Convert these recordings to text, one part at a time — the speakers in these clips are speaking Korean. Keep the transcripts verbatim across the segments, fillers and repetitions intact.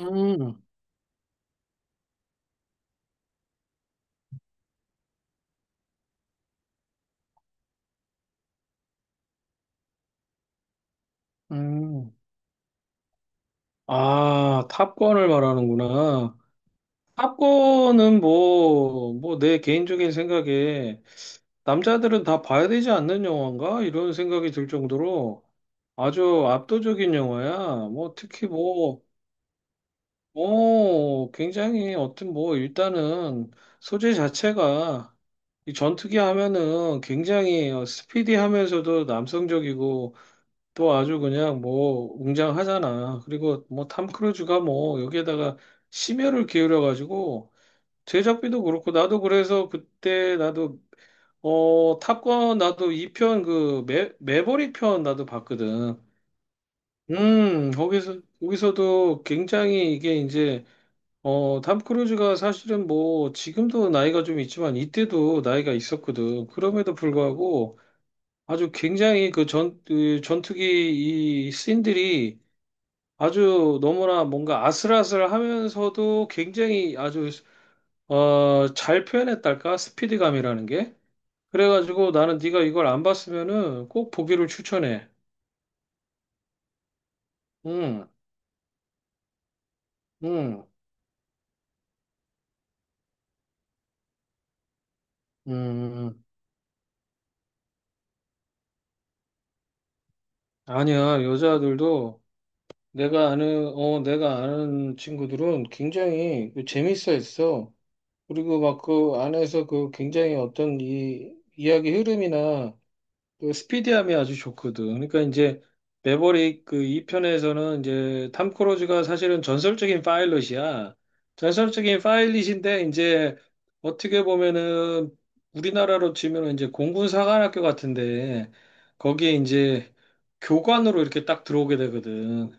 음, 음. 아, 탑건을 말하는구나. 탑건은 뭐, 뭐 내 개인적인 생각에 남자들은 다 봐야 되지 않는 영화인가? 이런 생각이 들 정도로 아주 압도적인 영화야. 뭐 특히 뭐, 어, 굉장히 어떤 뭐 일단은 소재 자체가 이 전투기 하면은 굉장히 스피디하면서도 남성적이고 또 아주 그냥 뭐 웅장하잖아. 그리고 뭐 탐 크루즈가 뭐 여기에다가 심혈을 기울여 가지고 제작비도 그렇고 나도 그래서 그때 나도 어 탑건 나도 이 편 그 매, 매버릭 편 나도 봤거든. 음 거기서 거기서도 굉장히 이게 이제 어탐 크루즈가 사실은 뭐 지금도 나이가 좀 있지만 이때도 나이가 있었거든. 그럼에도 불구하고 아주 굉장히 그 전, 그 전투기 이 씬들이 아주 너무나 뭔가 아슬아슬하면서도 굉장히 아주 어, 잘 표현했달까? 스피드감이라는 게. 그래가지고 나는 네가 이걸 안 봤으면은 꼭 보기를 추천해. 응, 응, 음. 아니야. 여자들도 내가 아는 어 내가 아는 친구들은 굉장히 재밌어 했어. 그리고 막 그 안에서 그 굉장히 어떤 이 이야기 흐름이나 그 스피디함이 아주 좋거든. 그러니까 이제 매버릭 그 이 편에서는 이제 탐 크루즈가 사실은 전설적인 파일럿이야. 전설적인 파일럿인데 이제 어떻게 보면은 우리나라로 치면은 이제 공군 사관학교 같은데 거기에 이제 교관으로 이렇게 딱 들어오게 되거든.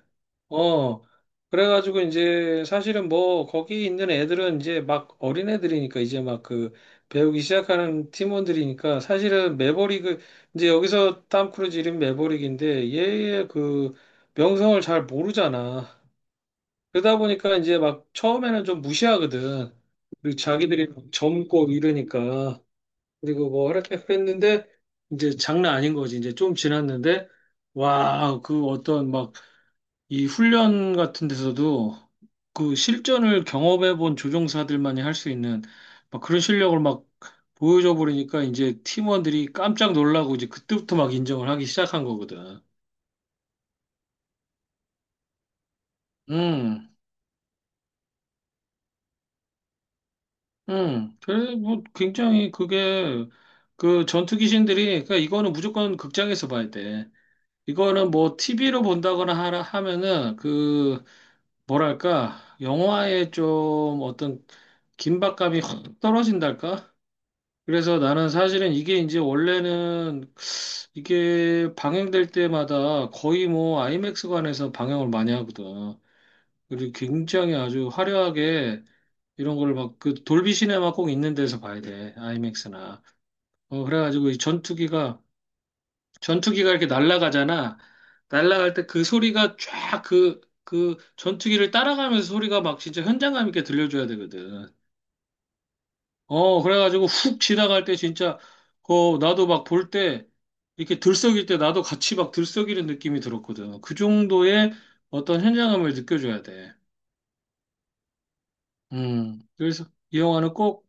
어, 그래가지고 이제 사실은 뭐 거기 있는 애들은 이제 막 어린 애들이니까 이제 막 그 배우기 시작하는 팀원들이니까 사실은 매버릭을 이제 여기서 탐 크루즈 이름 매버릭인데 얘의 그 명성을 잘 모르잖아. 그러다 보니까 이제 막 처음에는 좀 무시하거든. 그리고 자기들이 막 젊고 이러니까 그리고 뭐 이렇게 그랬는데 이제 장난 아닌 거지. 이제 좀 지났는데 와, 그 어떤 막 이 훈련 같은 데서도 그 실전을 경험해 본 조종사들만이 할 수 있는 막 그런 실력을 막 보여줘 버리니까 이제 팀원들이 깜짝 놀라고 이제 그때부터 막 인정을 하기 시작한 거거든. 음, 음. 그래, 뭐, 굉장히 그게, 그 전투 귀신들이, 그러니까 이거는 무조건 극장에서 봐야 돼. 이거는 뭐, 티비로 본다거나 하라 하면은, 그, 뭐랄까, 영화에 좀 어떤 긴박감이 확 떨어진달까? 그래서 나는 사실은 이게 이제 원래는 이게 방영될 때마다 거의 뭐 아이맥스관에서 방영을 많이 하거든. 그리고 굉장히 아주 화려하게 이런 걸 막 그 돌비 시네마 꼭 있는 데서 봐야 돼. 아이맥스나. 어, 그래가지고 이 전투기가, 전투기가 이렇게 날아가잖아. 날아갈 때 그 소리가 쫙 그, 그 전투기를 따라가면서 소리가 막 진짜 현장감 있게 들려줘야 되거든. 어, 그래가지고 훅 지나갈 때 진짜, 그, 나도 막 볼 때, 이렇게 들썩일 때 나도 같이 막 들썩이는 느낌이 들었거든. 그 정도의 어떤 현장감을 느껴줘야 돼. 음, 그래서 이 영화는 꼭,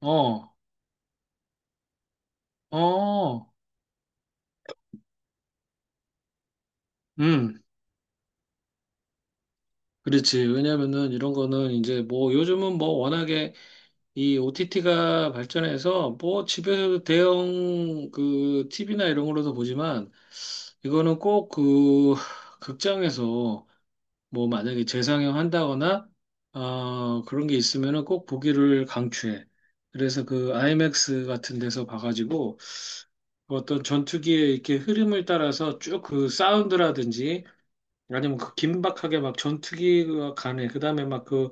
어, 어, 음, 그렇지. 왜냐면은 이런 거는 이제 뭐 요즘은 뭐 워낙에 이 오티티가 발전해서 뭐 집에서도 대형 그 티비나 이런 걸로도 보지만 이거는 꼭 그 극장에서 뭐 만약에 재상영 한다거나 어, 그런 게 있으면은 꼭 보기를 강추해. 그래서 그 IMAX 같은 데서 봐가지고 그 어떤 전투기의 이렇게 흐름을 따라서 쭉 그 사운드라든지 아니면 그 긴박하게 막 전투기가 가네. 그다음에 막 그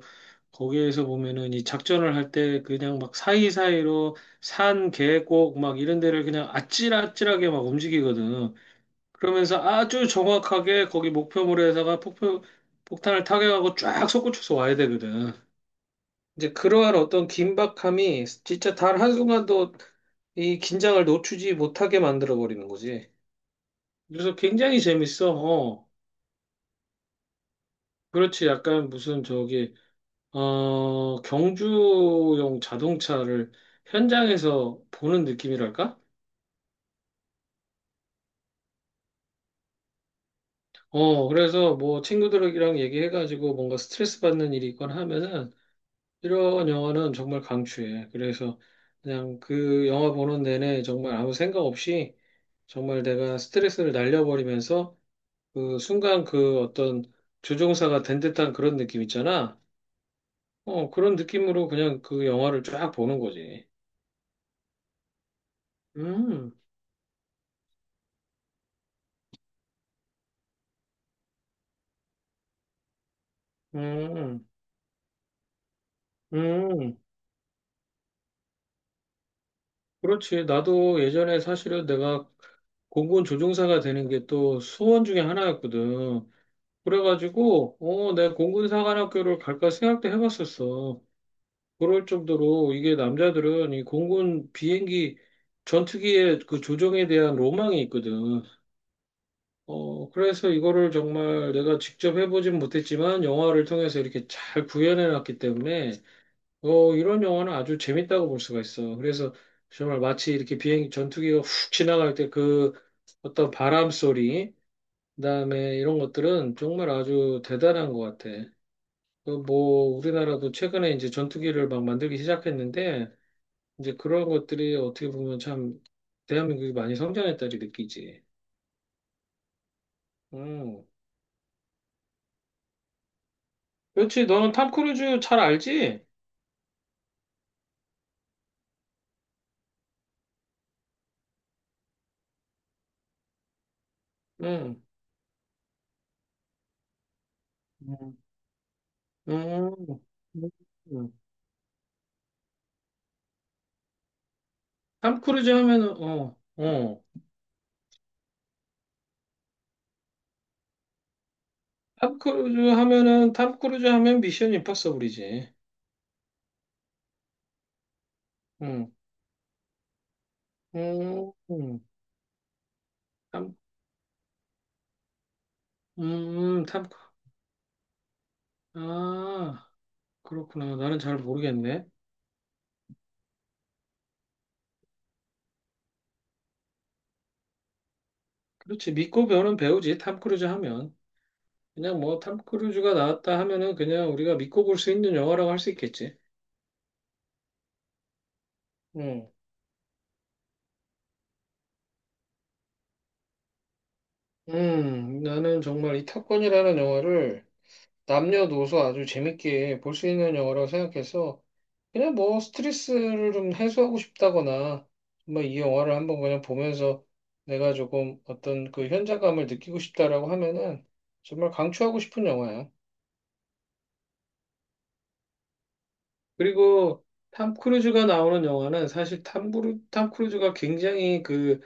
거기에서 보면은 이 작전을 할 때 그냥 막 사이사이로 산, 계곡 막 이런 데를 그냥 아찔아찔하게 막 움직이거든. 그러면서 아주 정확하게 거기 목표물에다가 폭포, 폭탄을 타격하고 쫙 솟구쳐서 와야 되거든. 이제 그러한 어떤 긴박함이 진짜 단 한순간도 이 긴장을 놓치지 못하게 만들어 버리는 거지. 그래서 굉장히 재밌어. 어. 그렇지. 약간 무슨 저기 어 경주용 자동차를 현장에서 보는 느낌이랄까? 어, 그래서 뭐 친구들이랑 얘기해가지고 뭔가 스트레스 받는 일이 있거나 하면은 이런 영화는 정말 강추해. 그래서 그냥 그 영화 보는 내내 정말 아무 생각 없이 정말 내가 스트레스를 날려버리면서 그 순간 그 어떤 조종사가 된 듯한 그런 느낌 있잖아. 어, 그런 느낌으로 그냥 그 영화를 쫙 보는 거지. 음, 음, 음. 그렇지. 나도 예전에 사실은 내가 공군 조종사가 되는 게 또 소원 중에 하나였거든. 그래가지고, 어, 내가 공군 사관학교를 갈까 생각도 해봤었어. 그럴 정도로 이게 남자들은 이 공군 비행기 전투기의 그 조종에 대한 로망이 있거든. 어, 그래서 이거를 정말 내가 직접 해보진 못했지만 영화를 통해서 이렇게 잘 구현해 놨기 때문에 어, 이런 영화는 아주 재밌다고 볼 수가 있어. 그래서 정말 마치 이렇게 비행기 전투기가 훅 지나갈 때 그 어떤 바람 소리, 그다음에 이런 것들은 정말 아주 대단한 것 같아. 그 뭐 우리나라도 최근에 이제 전투기를 막 만들기 시작했는데 이제 그런 것들이 어떻게 보면 참 대한민국이 많이 성장했다리 느끼지. 음. 그렇지. 너는 탐 크루즈 잘 알지? 응. 음. 음. 음. 탐 크루즈 하면은 어, 어. 탐 크루즈 하면은 탐 크루즈 하면 미션 임파서블이지. 응. 음. 음. 탐 음, 탐 크- 아, 그렇구나. 나는 잘 모르겠네. 그렇지. 믿고 배우는 배우지. 탐 크루즈 하면. 그냥 뭐 탐 크루즈가 나왔다 하면은 그냥 우리가 믿고 볼 수 있는 영화라고 할 수 있겠지. 응, 음, 나는 정말 이 탑건이라는 영화를 남녀노소 아주 재밌게 볼 수 있는 영화라고 생각해서 그냥 뭐 스트레스를 좀 해소하고 싶다거나 정말 이 영화를 한번 그냥 보면서 내가 조금 어떤 그 현장감을 느끼고 싶다라고 하면은 정말 강추하고 싶은 영화야. 그리고 탐 크루즈가 나오는 영화는 사실 탐, 브루- 탐 크루즈가 굉장히 그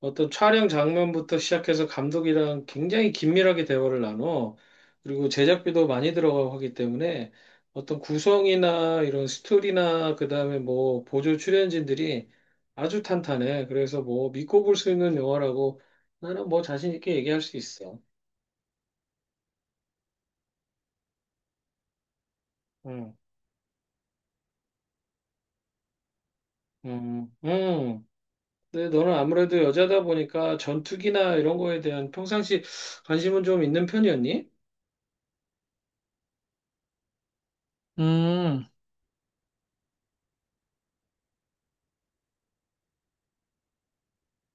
어떤 촬영 장면부터 시작해서 감독이랑 굉장히 긴밀하게 대화를 나눠. 그리고 제작비도 많이 들어가고 하기 때문에 어떤 구성이나 이런 스토리나 그다음에 뭐 보조 출연진들이 아주 탄탄해. 그래서 뭐 믿고 볼 수 있는 영화라고 나는 뭐 자신 있게 얘기할 수 있어. 음, 음, 음. 근데 너는 아무래도 여자다 보니까 전투기나 이런 거에 대한 평상시 관심은 좀 있는 편이었니? 음,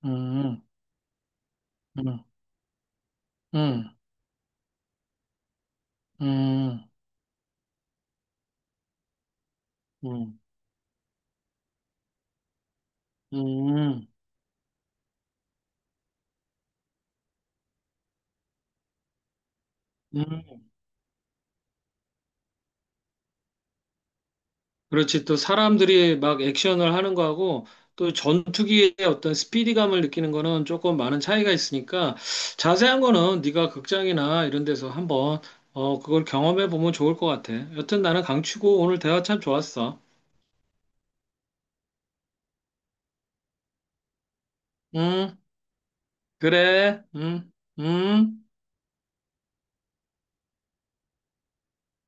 음, 음, 음, 음. 음, 음, 음. 그렇지. 또 사람들이 막 액션을 하는 거하고 또 전투기의 어떤 스피디감을 느끼는 거는 조금 많은 차이가 있으니까 자세한 거는 네가 극장이나 이런 데서 한번 어, 그걸 경험해 보면 좋을 것 같아. 여튼 나는 강추고 오늘 대화 참 좋았어. 음, 그래. 음, 음.